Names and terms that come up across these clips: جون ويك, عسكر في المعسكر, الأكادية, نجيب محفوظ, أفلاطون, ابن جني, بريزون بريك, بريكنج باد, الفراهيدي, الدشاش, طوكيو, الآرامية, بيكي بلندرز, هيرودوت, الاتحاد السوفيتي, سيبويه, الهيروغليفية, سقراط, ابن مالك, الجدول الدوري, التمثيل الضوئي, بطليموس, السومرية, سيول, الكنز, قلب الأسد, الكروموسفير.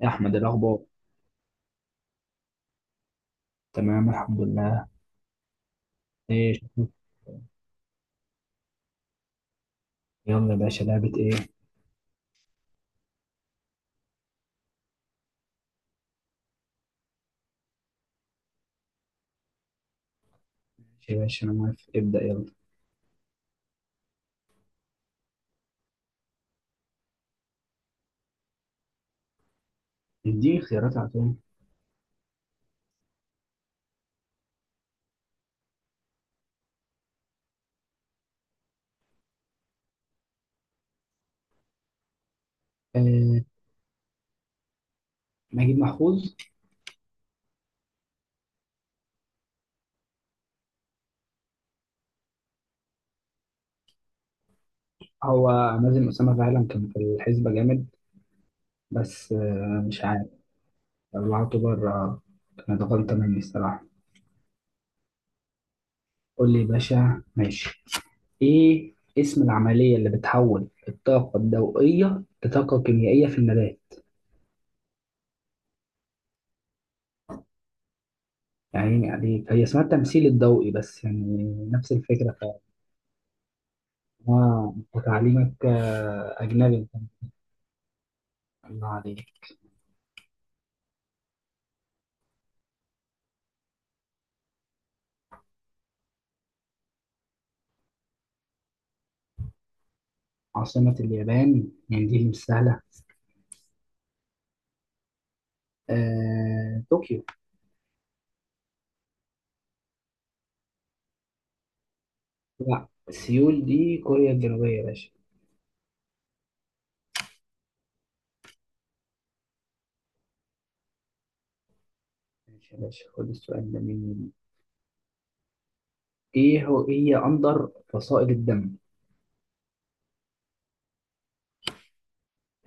يا احمد، إيه الاخبار؟ تمام الحمد لله. ايه شكلك؟ يلا يا باشا، لعبه ايه؟ ماشي يا باشا، انا موافق، ابدا يلا. اديني خيارات على طول. آه نجيب محفوظ. هو مازن اسامه فعلا كان في الحسبه جامد، بس مش عارف. طلعته بره، كانت غلطه مني الصراحه. قول لي يا باشا ماشي. ايه اسم العمليه اللي بتحول الطاقه الضوئيه لطاقه كيميائيه في النبات؟ يعني هي اسمها التمثيل الضوئي، بس يعني نفس الفكره. أنت تعليمك أجنبي أنت؟ الله عليك. عاصمة اليابان، يعني دي مش سهلة. طوكيو. لا، سيول دي كوريا الجنوبية يا باشا. ماشي يا باشا، خد السؤال ده مني. إيه هي أندر فصائل الدم؟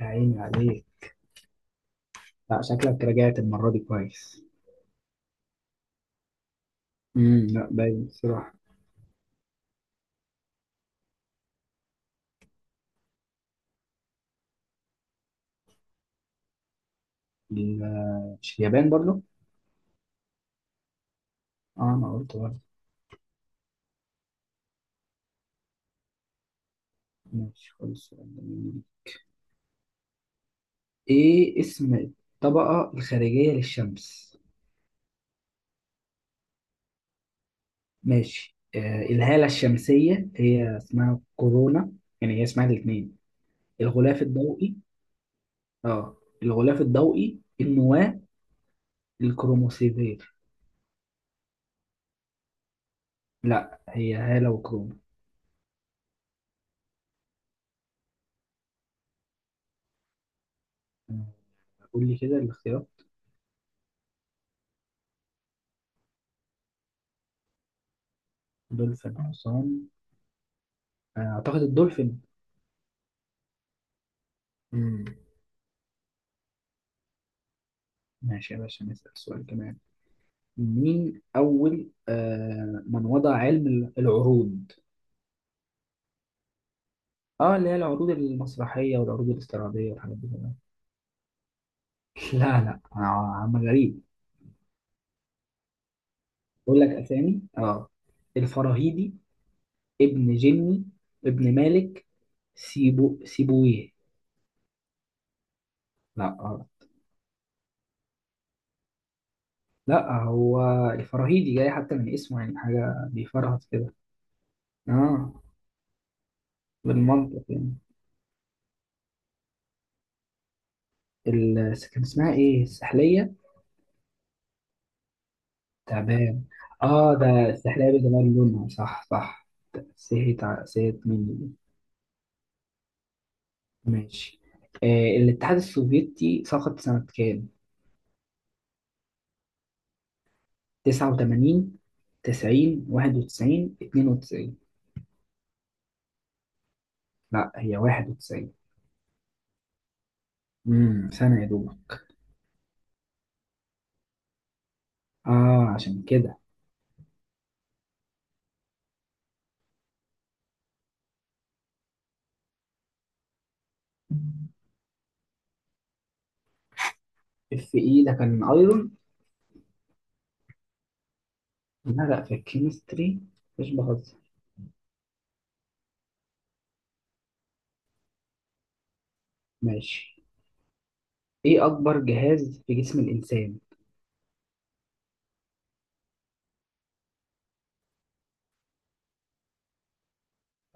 يا عيني عليك. لا، شكلك رجعت المرة دي كويس. لا، باين بصراحة. ال- مش اليابان برضو؟ اه، أنا قلت برضه. ماشي، خد السؤال ده مني. إيه اسم الطبقة الخارجية للشمس؟ ماشي. الهالة الشمسية، هي اسمها كورونا. يعني هي اسمها الاثنين. الغلاف الضوئي. اه، الغلاف الضوئي، النواة، الكروموسيفير. لا، هي هالة وكرونا. آه، قول لي كده الاختيارات. دولفين، حصان. اعتقد الدولفين. مم. ماشي يا باشا، نسأل سؤال كمان. مين أول من وضع علم العروض؟ اه، اللي هي العروض المسرحية والعروض الاستعراضية والحاجات دي كده. لا لا، عم غريب. بقول لك اسامي، اه، الفراهيدي، ابن جني، ابن مالك، سيبويه. لا. لا، هو الفراهيدي جاي حتى من اسمه، يعني حاجة بيفرهد كده. اه، بالمنطق يعني. كان اسمها ايه؟ السحلية، تعبان. اه، ده السحلية بجمال لونها، صح صح. سهيت مني دي. ماشي. الاتحاد السوفيتي سقط سنة كام؟ 89، 90، 91، 92. لا، هي 91. سنة يا دوب. اه عشان كده. اف اي ده كان ايرون. لا لا، في الكيمستري، مش بهزر. ماشي، ايه اكبر جهاز في جسم الانسان؟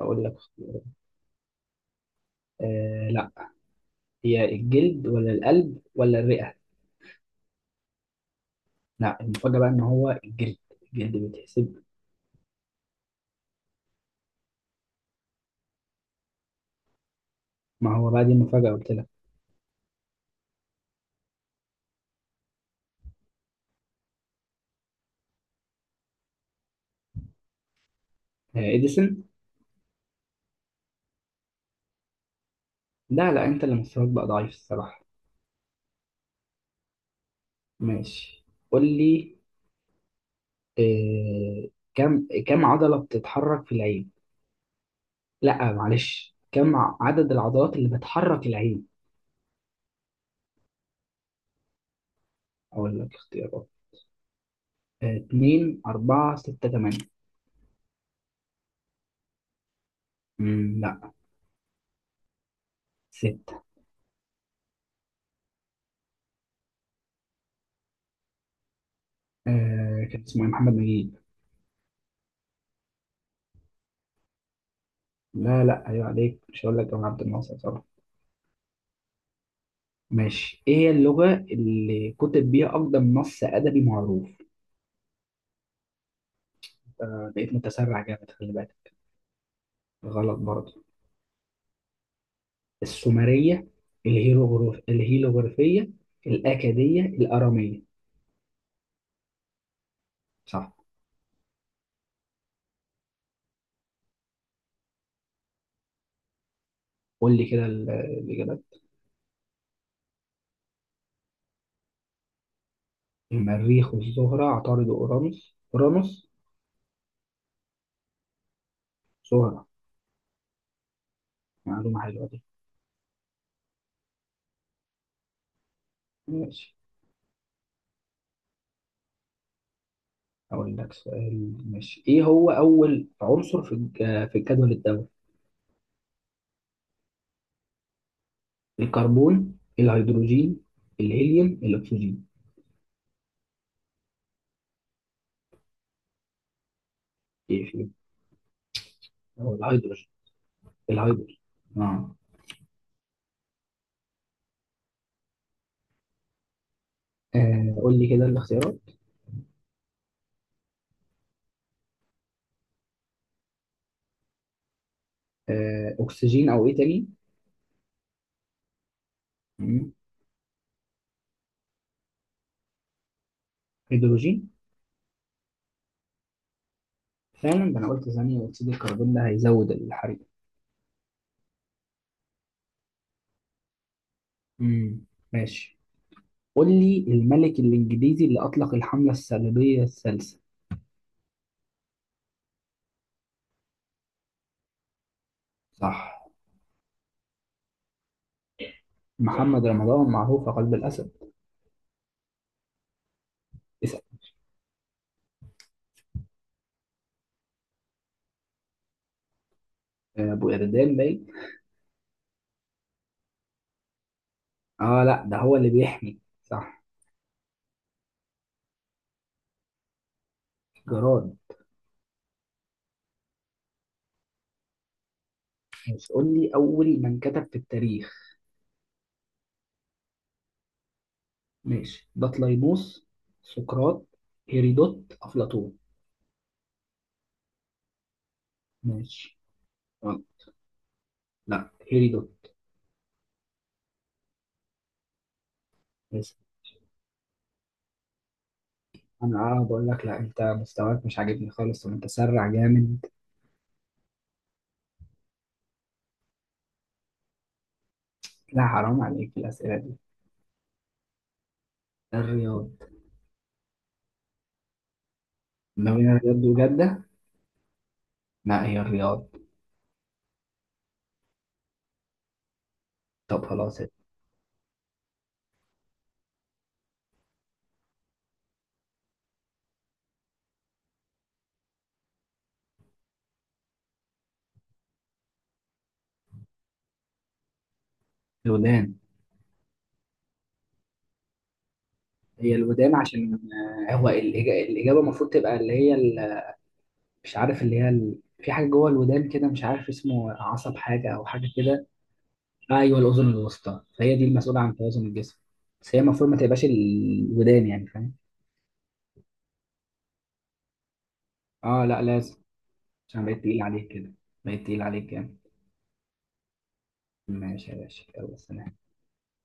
اقول لك اختيارات. لا، هي الجلد ولا القلب ولا الرئة؟ لا، المفاجأة بقى ان هو الجلد. الجلد بيتحسب. ما هو بقى، دي المفاجأة قلت لك. اديسون. لا لا، انت اللي مستواك بقى ضعيف الصراحة. ماشي قول لي. آه كم عضلة بتتحرك في العين؟ لا معلش، عدد العضلات اللي بتحرك العين؟ اقول لك اختيارات. اتنين، اربعة، ستة، تمانية. لا. ستة. كان اسمه إيه؟ محمد نجيب. لا لا، ايوه عليك، مش هقول لك جمال عبد الناصر صراحة. ماشي، ايه هي اللغة اللي كتب بيها اقدم نص ادبي معروف؟ بقيت متسرع جامد، خلي بالك. غلط برضه. السومرية، الهيروغليفية، الاكادية، الارامية. صح. قول لي كده الاجابات. المريخ والزهرة، عطارد وأورانوس. أورانوس؟ زهرة. معلومة حلوة دي. ماشي. أقول لك سؤال، ماشي. إيه هو أول عنصر في في الجدول الدوري؟ الكربون، الهيدروجين، الهيليوم، الأكسجين. إيه فيهم؟ هو الهيدروجين. الهيدروجين. آه. قول لي كده الاختيارات. أكسجين أو إيه تاني؟ مم. هيدروجين. فعلا ده، أنا قلت ثانية أكسيد الكربون ده هيزود الحريق. مم. ماشي، قول لي الملك الإنجليزي اللي أطلق الحملة الصليبية الثالثة. صح، صح. محمد رمضان معروف قلب الأسد. اسأل. أبو إردان باين. آه لا، ده هو اللي بيحمي. صح. جراد. ماشي، قول لي أول من كتب في التاريخ. ماشي، بطليموس، سقراط، هيرودوت، أفلاطون. ماشي. آه، لا، هيرودوت. ماشي. أنا بقول لك، لا، أنت مستواك مش عاجبني خالص ومتسرع جامد. لا حرام عليك الأسئلة دي. الرياض. ما بين الرياض وجدة. لا، هي الرياض. طب خلاص. الودان. هي الودان عشان هو الإجابة المفروض تبقى اللي هي مش عارف، اللي هي ال... في حاجة جوه الودان كده، مش عارف اسمه، عصب حاجة أو حاجة كده. أيوه، الأذن الوسطى، فهي دي المسؤولة عن توازن الجسم. بس هي المفروض ما تبقاش الودان، يعني فاهم. اه لا، لازم. عشان بقيت تقيل عليك كده، بقيت تقيل عليك جامد. ماشي يا باشا، يلا سلام.